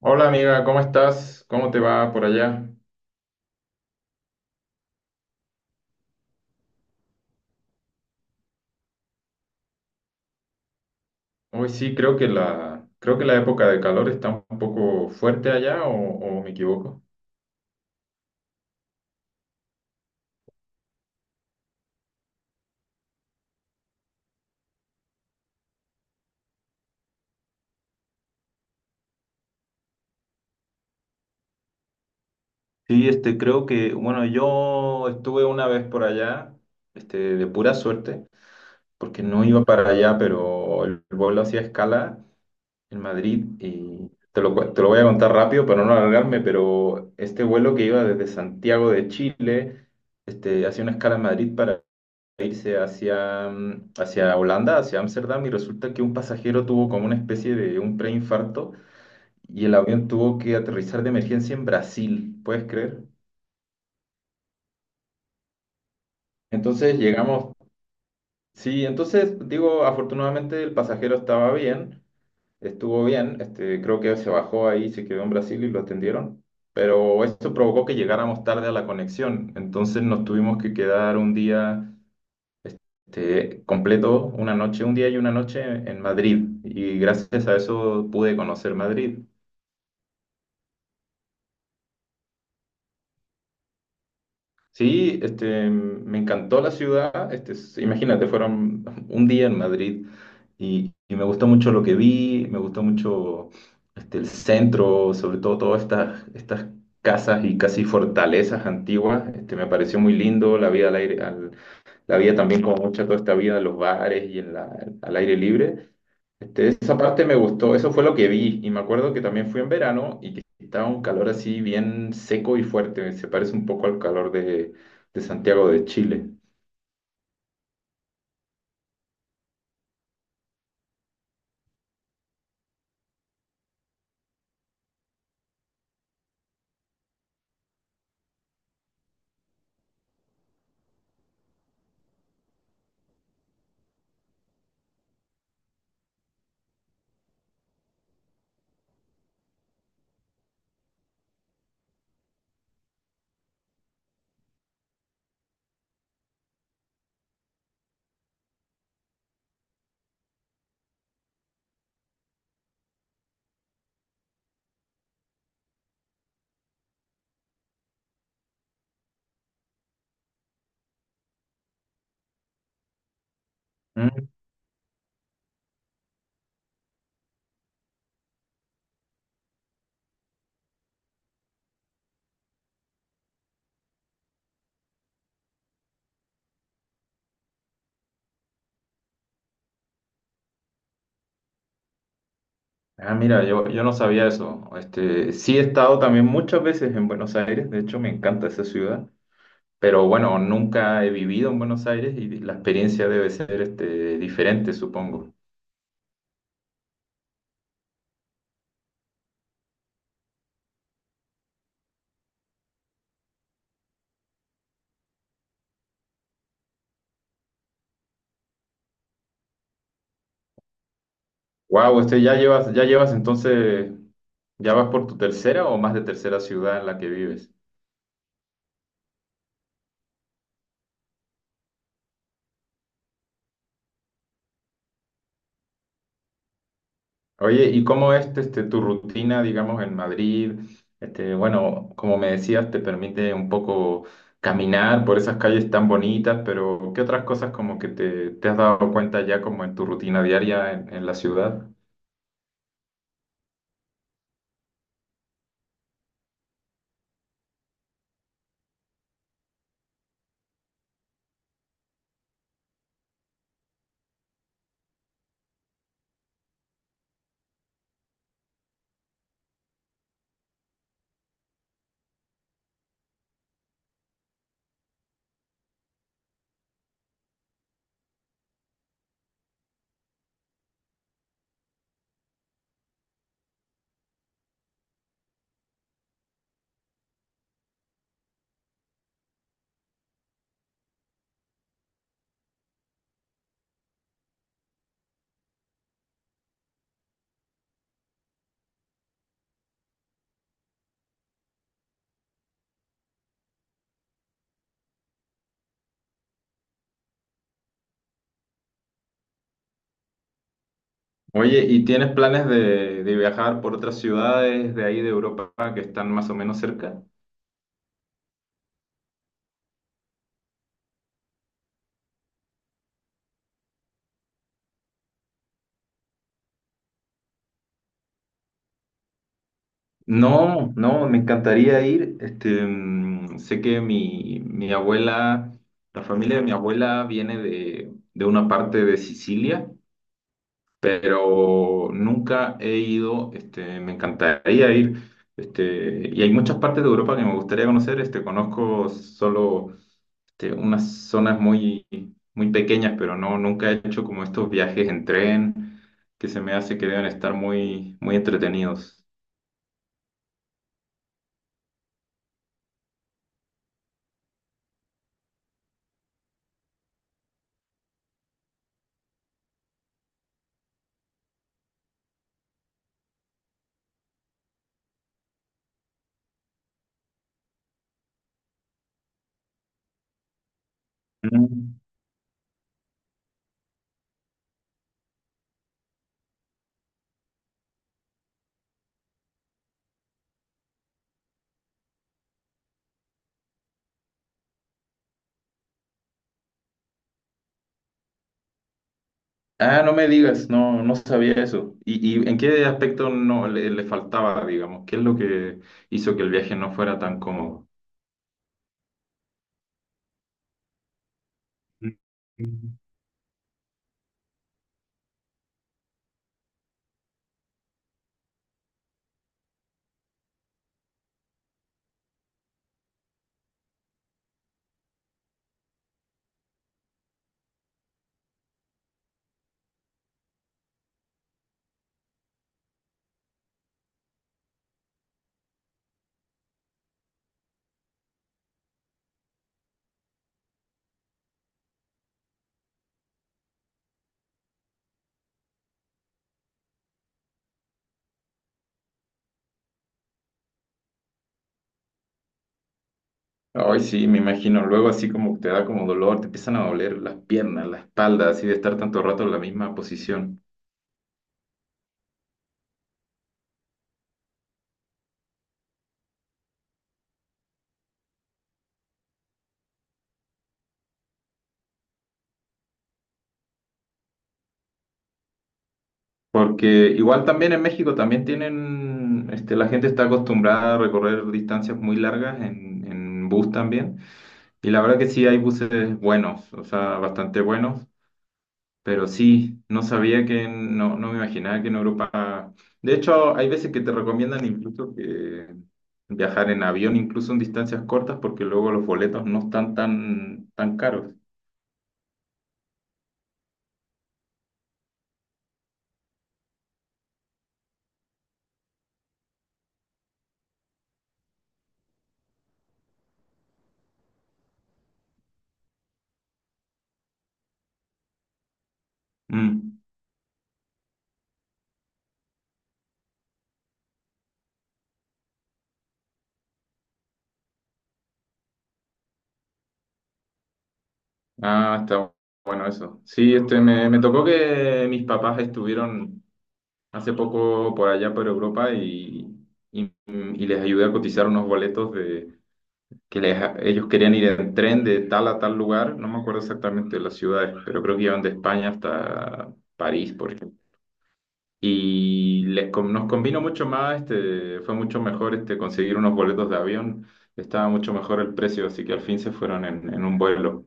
Hola amiga, ¿cómo estás? ¿Cómo te va por allá? Hoy sí, creo que la época de calor está un poco fuerte allá, ¿o, o me equivoco? Sí, este, creo que, bueno, yo estuve una vez por allá, este, de pura suerte, porque no iba para allá, pero el vuelo hacía escala en Madrid y te lo voy a contar rápido para no alargarme, pero este vuelo que iba desde Santiago de Chile, este, hacía una escala en Madrid irse hacia, hacia Holanda, hacia Ámsterdam, y resulta que un pasajero tuvo como una especie de un preinfarto y el avión tuvo que aterrizar de emergencia en Brasil, ¿puedes creer? Entonces llegamos, sí, entonces digo, afortunadamente el pasajero estaba bien, estuvo bien, este, creo que se bajó ahí, se quedó en Brasil y lo atendieron, pero eso provocó que llegáramos tarde a la conexión, entonces nos tuvimos que quedar un día. Este, completo una noche, un día y una noche en Madrid, y gracias a eso pude conocer Madrid. Sí, este, me encantó la ciudad, este, s- imagínate, fueron un día en Madrid y me gustó mucho lo que vi, me gustó mucho este, el centro, sobre todo todas estas casas y casi fortalezas antiguas, este, me pareció muy lindo, la vida al la vida también como mucha toda esta vida en los bares y en la- al aire libre. Este, esa parte me gustó, eso fue lo que vi y me acuerdo que también fui en verano y que estaba un calor así bien seco y fuerte, se parece un poco al calor de Santiago de Chile. Mm. Ah, mira, yo no sabía eso. Este, sí he estado también muchas veces en Buenos Aires, de hecho me encanta esa ciudad, pero bueno, nunca he vivido en Buenos Aires y la experiencia debe ser este, diferente, supongo. Wow, este, ya llevas entonces, ¿ya vas por tu tercera o más de tercera ciudad en la que vives? Oye, ¿y cómo es este, tu rutina, digamos, en Madrid? Este, bueno, como me decías, te permite un poco caminar por esas calles tan bonitas, pero ¿qué otras cosas como que te has dado cuenta ya como en tu rutina diaria en la ciudad? Oye, ¿y tienes planes de viajar por otras ciudades de ahí de Europa que están más o menos cerca? No, no, me encantaría ir. Este, mm, sé que mi abuela, la familia de mi abuela viene de una parte de Sicilia, pero nunca he ido. Este, me encantaría ir. Este, y hay muchas partes de Europa que me gustaría conocer. Este, conozco solo este, unas zonas muy, muy pequeñas, pero no, nunca he hecho como estos viajes en tren que se me hace que deben estar muy, muy entretenidos. Mm. Ah, no me digas, no, no sabía eso. Y en qué aspecto no le, le faltaba, digamos? ¿Qué es lo que hizo que el viaje no fuera tan cómodo? Mm. Ay, sí, me imagino. Luego así como te da como dolor, te empiezan a doler las piernas, la espalda, así de estar tanto rato en la misma posición. Porque igual también en México también tienen, este, la gente está acostumbrada a recorrer distancias muy largas en bus también. Y la verdad que sí hay buses buenos, o sea, bastante buenos. Pero sí, no sabía que, no, no me imaginaba que en Europa... De hecho, hay veces que te recomiendan incluso que viajar en avión, incluso en distancias cortas, porque luego los boletos no están tan caros. Mm. Ah, está bueno eso. Sí, este, me tocó que mis papás estuvieron hace poco por allá por Europa y, y les ayudé a cotizar unos boletos de, que les- ellos querían ir en tren de tal a tal lugar, no me acuerdo exactamente de las ciudades, pero creo que iban de España hasta París, por ejemplo. Y les, con- nos convino mucho más, este, fue mucho mejor este, conseguir unos boletos de avión, estaba mucho mejor el precio, así que al fin se fueron en un vuelo.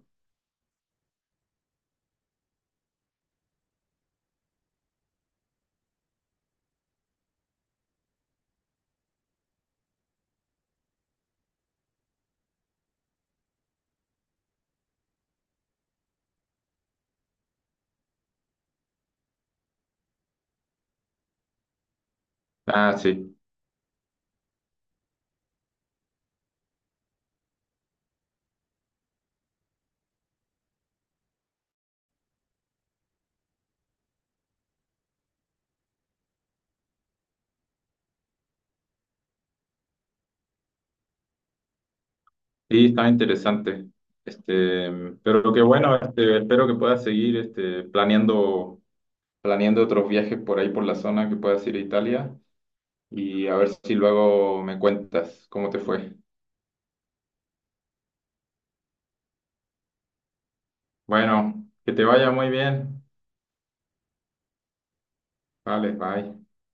Ah, sí, sí, estaba interesante. Este, pero qué bueno, este, espero que puedas seguir este, planeando, planeando otros viajes por ahí por la zona, que puedas ir a Italia. Y a ver si luego me cuentas cómo te fue. Bueno, que te vaya muy bien. Vale, bye.